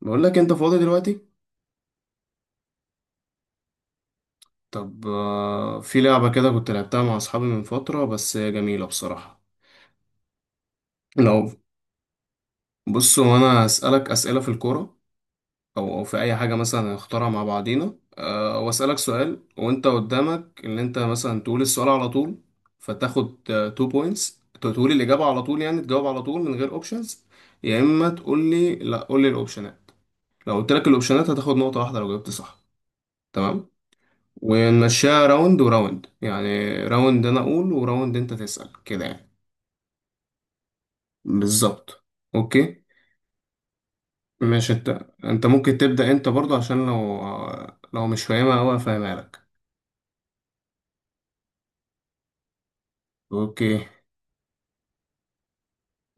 بقول لك انت فاضي دلوقتي. طب، في لعبة كده كنت لعبتها مع اصحابي من فترة، بس هي جميلة بصراحة. لو بص، هو انا اسالك اسئلة في الكورة او في اي حاجة مثلا هنختارها مع بعضينا، واسالك سؤال وانت قدامك ان انت مثلا تقول السؤال على طول، فتاخد 2 بوينتس، تقول الإجابة على طول يعني تجاوب على طول من غير اوبشنز، يا اما تقول لي لا، قول لي الاوبشنات. لو قلت لك الاوبشنات هتاخد نقطة واحدة لو جاوبت صح. تمام. ونمشيها راوند وراوند، يعني راوند انا اقول وراوند انت تسأل كده يعني. بالظبط. اوكي. ماشي. انت ممكن تبدأ انت برضو، عشان لو مش فاهمها اوي افهمها لك. اوكي.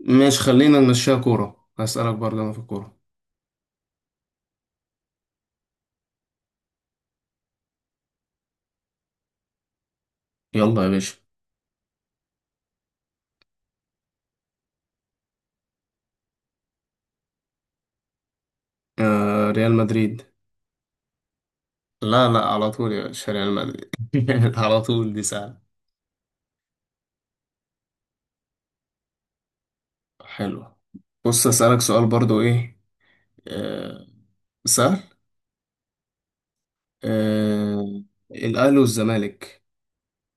ماشي، خلينا نمشيها كورة، هسألك برضو انا في الكورة. يلا يا باشا. ريال مدريد. لا لا، على طول يا باشا، ريال مدريد على طول، دي سهلة. حلو. بص، أسألك سؤال برضو، ايه، آه سهل. آه الأهلي والزمالك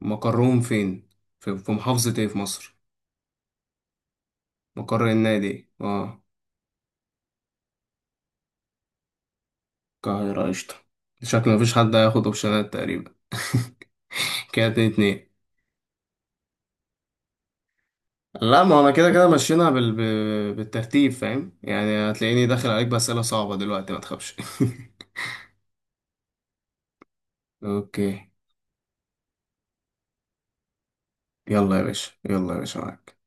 مقرهم فين؟ في محافظة ايه في مصر؟ مقر النادي إيه؟ اه، القاهرة قشطة. شكل مفيش حد هياخد اوبشنات تقريبا كده اتنين اتنين. لا، ما انا كده كده مشينا بالترتيب، فاهم يعني، هتلاقيني داخل عليك بأسئلة صعبة دلوقتي، ما تخافش. اوكي، يلا يا باشا، يلا يا باشا، معاك.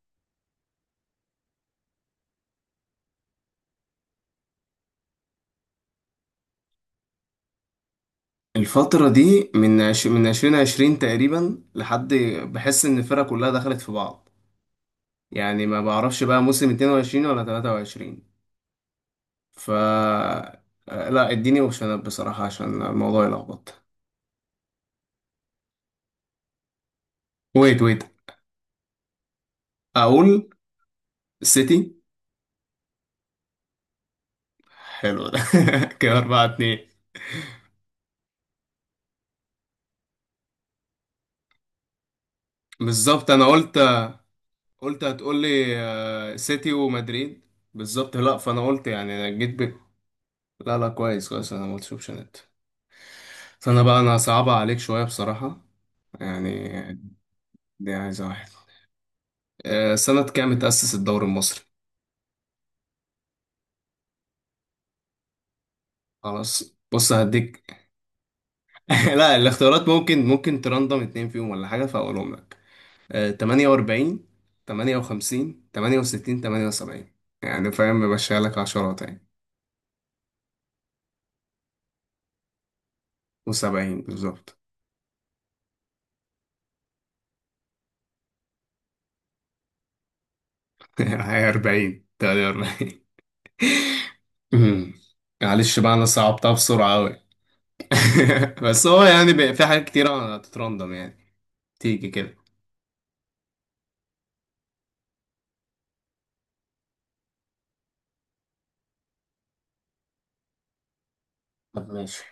الفترة دي من من عشرين عشرين تقريبا لحد، بحس ان الفرقة كلها دخلت في بعض. يعني ما بعرفش بقى موسم اتنين وعشرين ولا تلاتة وعشرين، ف آه، لا، اديني اوبشنات بصراحة عشان الموضوع يلخبط. ويت، ويت. اقول سيتي. حلو ده. كده أربعة اتنين. بالظبط، انا قلت هتقول لي سيتي ومدريد. بالظبط. لا، فانا قلت يعني انا جيت بك. لا لا، كويس كويس، انا ما قلتش اوبشنات. فانا بقى انا صعبة عليك شوية بصراحة يعني. دي عايزة واحد. سنة كام اتأسس الدوري المصري؟ خلاص، بص، هديك. لا، الاختيارات ممكن ترندم اتنين فيهم ولا حاجة فاقولهم لك. 48، 58، 68، 78، يعني فاهم بمشيها لك عشرات يعني. و70، بالظبط. هي 40، 48. أمم. معلش بقى، انا صعبتها بسرعة أوي. بس هو يعني في حاجات كتيرة هتترندم يعني، تيجي كده. طب ماشي.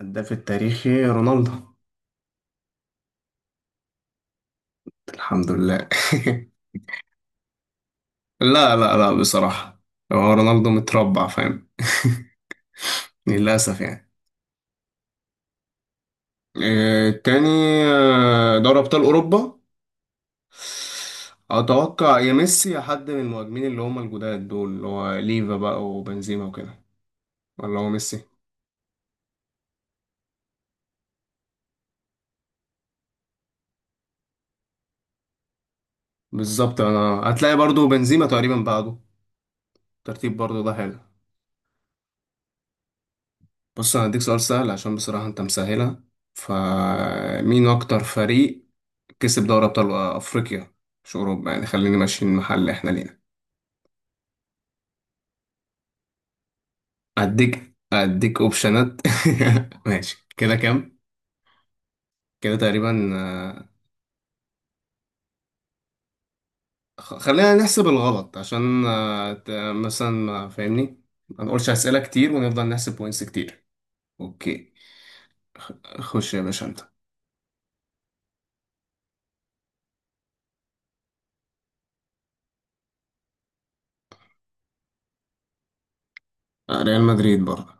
الهداف التاريخي رونالدو. الحمد لله. لا لا لا، بصراحة هو رونالدو متربع فاهم. للأسف يعني. تاني، دوري أبطال أوروبا، أتوقع يا ميسي يا حد من المهاجمين اللي هما الجداد دول، اللي هو ليفا بقى وبنزيما وكده، ولا هو ميسي. بالظبط. أنا هتلاقي برضو بنزيما تقريبا بعده ترتيب برضو، ده حلو. بص، أنا هديك سؤال سهل عشان بصراحة أنت مسهلها. فمين أكتر فريق كسب دوري أبطال أفريقيا؟ مش أوروبا يعني، خليني ماشيين محل إحنا لينا. أديك أوبشنات. ماشي، كده كام؟ كده تقريبا. خلينا نحسب الغلط، عشان مثلا ما فاهمني. ما نقولش أسئلة كتير ونفضل نحسب بوينتس كتير. اوكي. خش يا باشا انت. ريال مدريد برضه.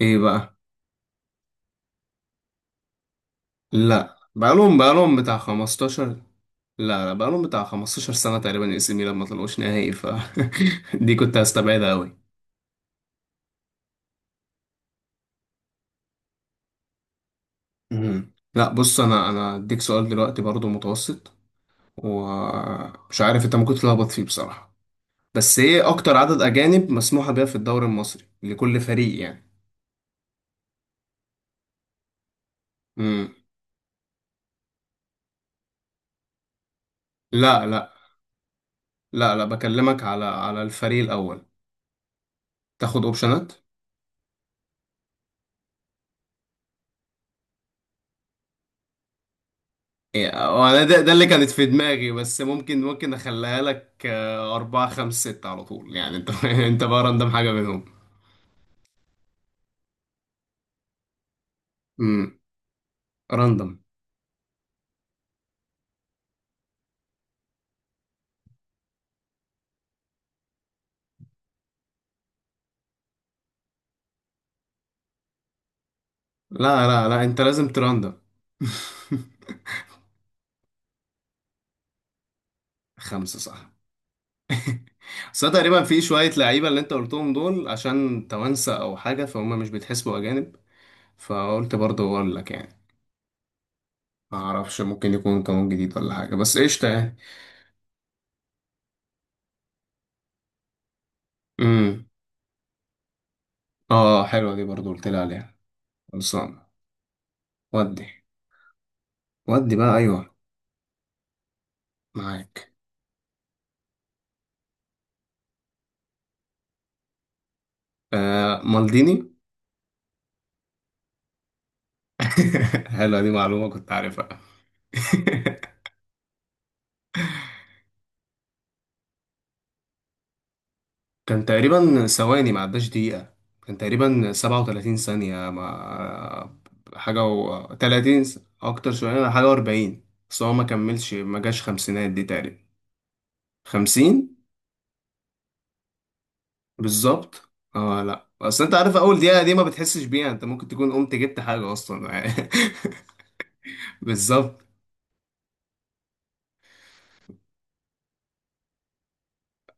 ايه بقى. لا، بقالهم بتاع 15، لا لا، بقالهم بتاع 15 سنة تقريبا، اي سي ميلان ما طلعوش نهائي ف، دي كنت هستبعدها قوي. لا، بص، انا اديك سؤال دلوقتي برضه متوسط، ومش عارف انت ممكن تتلخبط فيه بصراحة. بس ايه اكتر عدد اجانب مسموح بيها في الدوري المصري لكل فريق يعني؟ امم لا لا لا لا، بكلمك على الفريق الاول. تاخد اوبشنات. إيه، وانا ده اللي كانت في دماغي، بس ممكن اخليها لك أربعة خمسة ستة، على طول يعني انت انت بقى راندم حاجة منهم. امم راندم. لا لا لا، انت لازم تراندم. خمسة صح. بس أنا تقريبا في شوية لعيبة اللي انت قلتهم دول عشان توانسة او حاجة، فهم مش بيتحسبوا اجانب، فقلت برضه اقول لك يعني. ما اعرفش، ممكن يكون قانون جديد ولا حاجه، بس قشطه يعني. امم اه، حلوه دي برضه قلت لي عليها. خلصانه. ودي ودي بقى، ايوه، معاك. مالديني. حلوه دي، معلومه كنت عارفها. كان تقريبا ثواني، ما عداش دقيقه. كان تقريبا 37 ثانيه، ما حاجه و 30، اكتر شويه، حاجه و40. بس هو ما كملش، ما جاش خمسينات دي، تقريبا 50 بالظبط، اه. لا، اصل انت عارف اول دقيقه دي ما بتحسش بيها، انت ممكن تكون قمت جبت حاجه اصلا. بالظبط.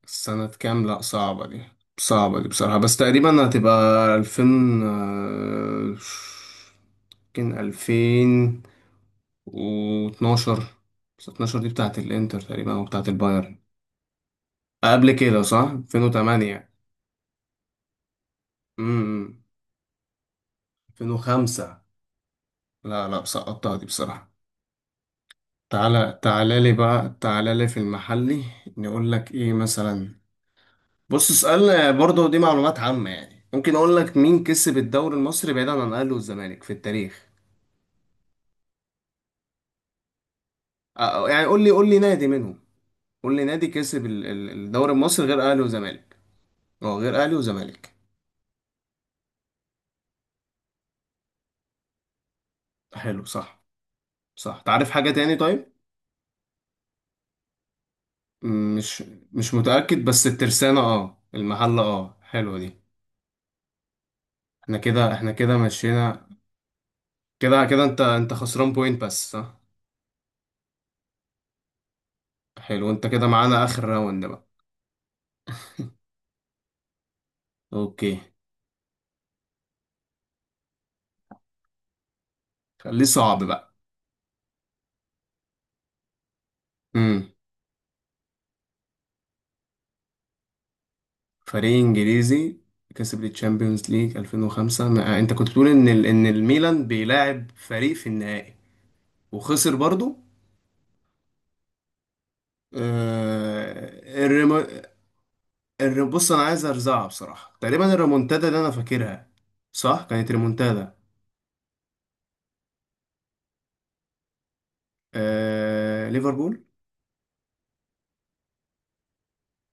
سنه كام؟ لا صعبه دي. صعبه دي بصراحه، بس تقريبا هتبقى 2000، آه، يمكن 2012، بس 12 دي بتاعه الانتر تقريبا او بتاعه البايرن. قبل كده صح 2008. امم 2005. لا لا، سقطتها دي بصراحه. تعالى تعالى لي بقى، تعالى لي في المحلي. نقول لك ايه مثلا. بص، اسأل برضه، دي معلومات عامة يعني، ممكن اقول لك مين كسب الدوري المصري بعيدا عن الاهلي والزمالك في التاريخ. يعني قول لي نادي منهم، قول لي نادي كسب الدوري المصري غير اهلي وزمالك. اه، غير اهلي وزمالك. حلو صح. صح، تعرف حاجة تاني طيب؟ م- مش مش متأكد، بس الترسانة، اه، المحلة، اه حلوة دي. احنا كده احنا كده مشينا. كده كده، انت خسران بوينت بس صح. حلو، انت كده معانا اخر راوند بقى. اوكي. خليه صعب بقى. امم فريق انجليزي كسب الشامبيونز ليج 2005، انت كنت بتقول ان ان الميلان بيلاعب فريق في النهائي، وخسر برضو. آه... الريمو... بص، انا عايز ارزعها بصراحة، تقريبا الريمونتادا اللي انا فاكرها. صح كانت ريمونتادا. ليفربول.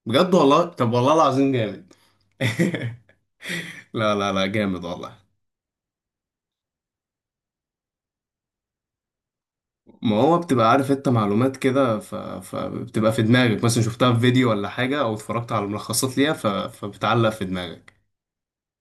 بجد والله، طب والله العظيم جامد. لا لا لا جامد والله. ما هو بتبقى عارف انت معلومات كده، فبتبقى في دماغك، مثلا شفتها في فيديو ولا حاجة، او اتفرجت على ملخصات ليها، فبتعلق في دماغك.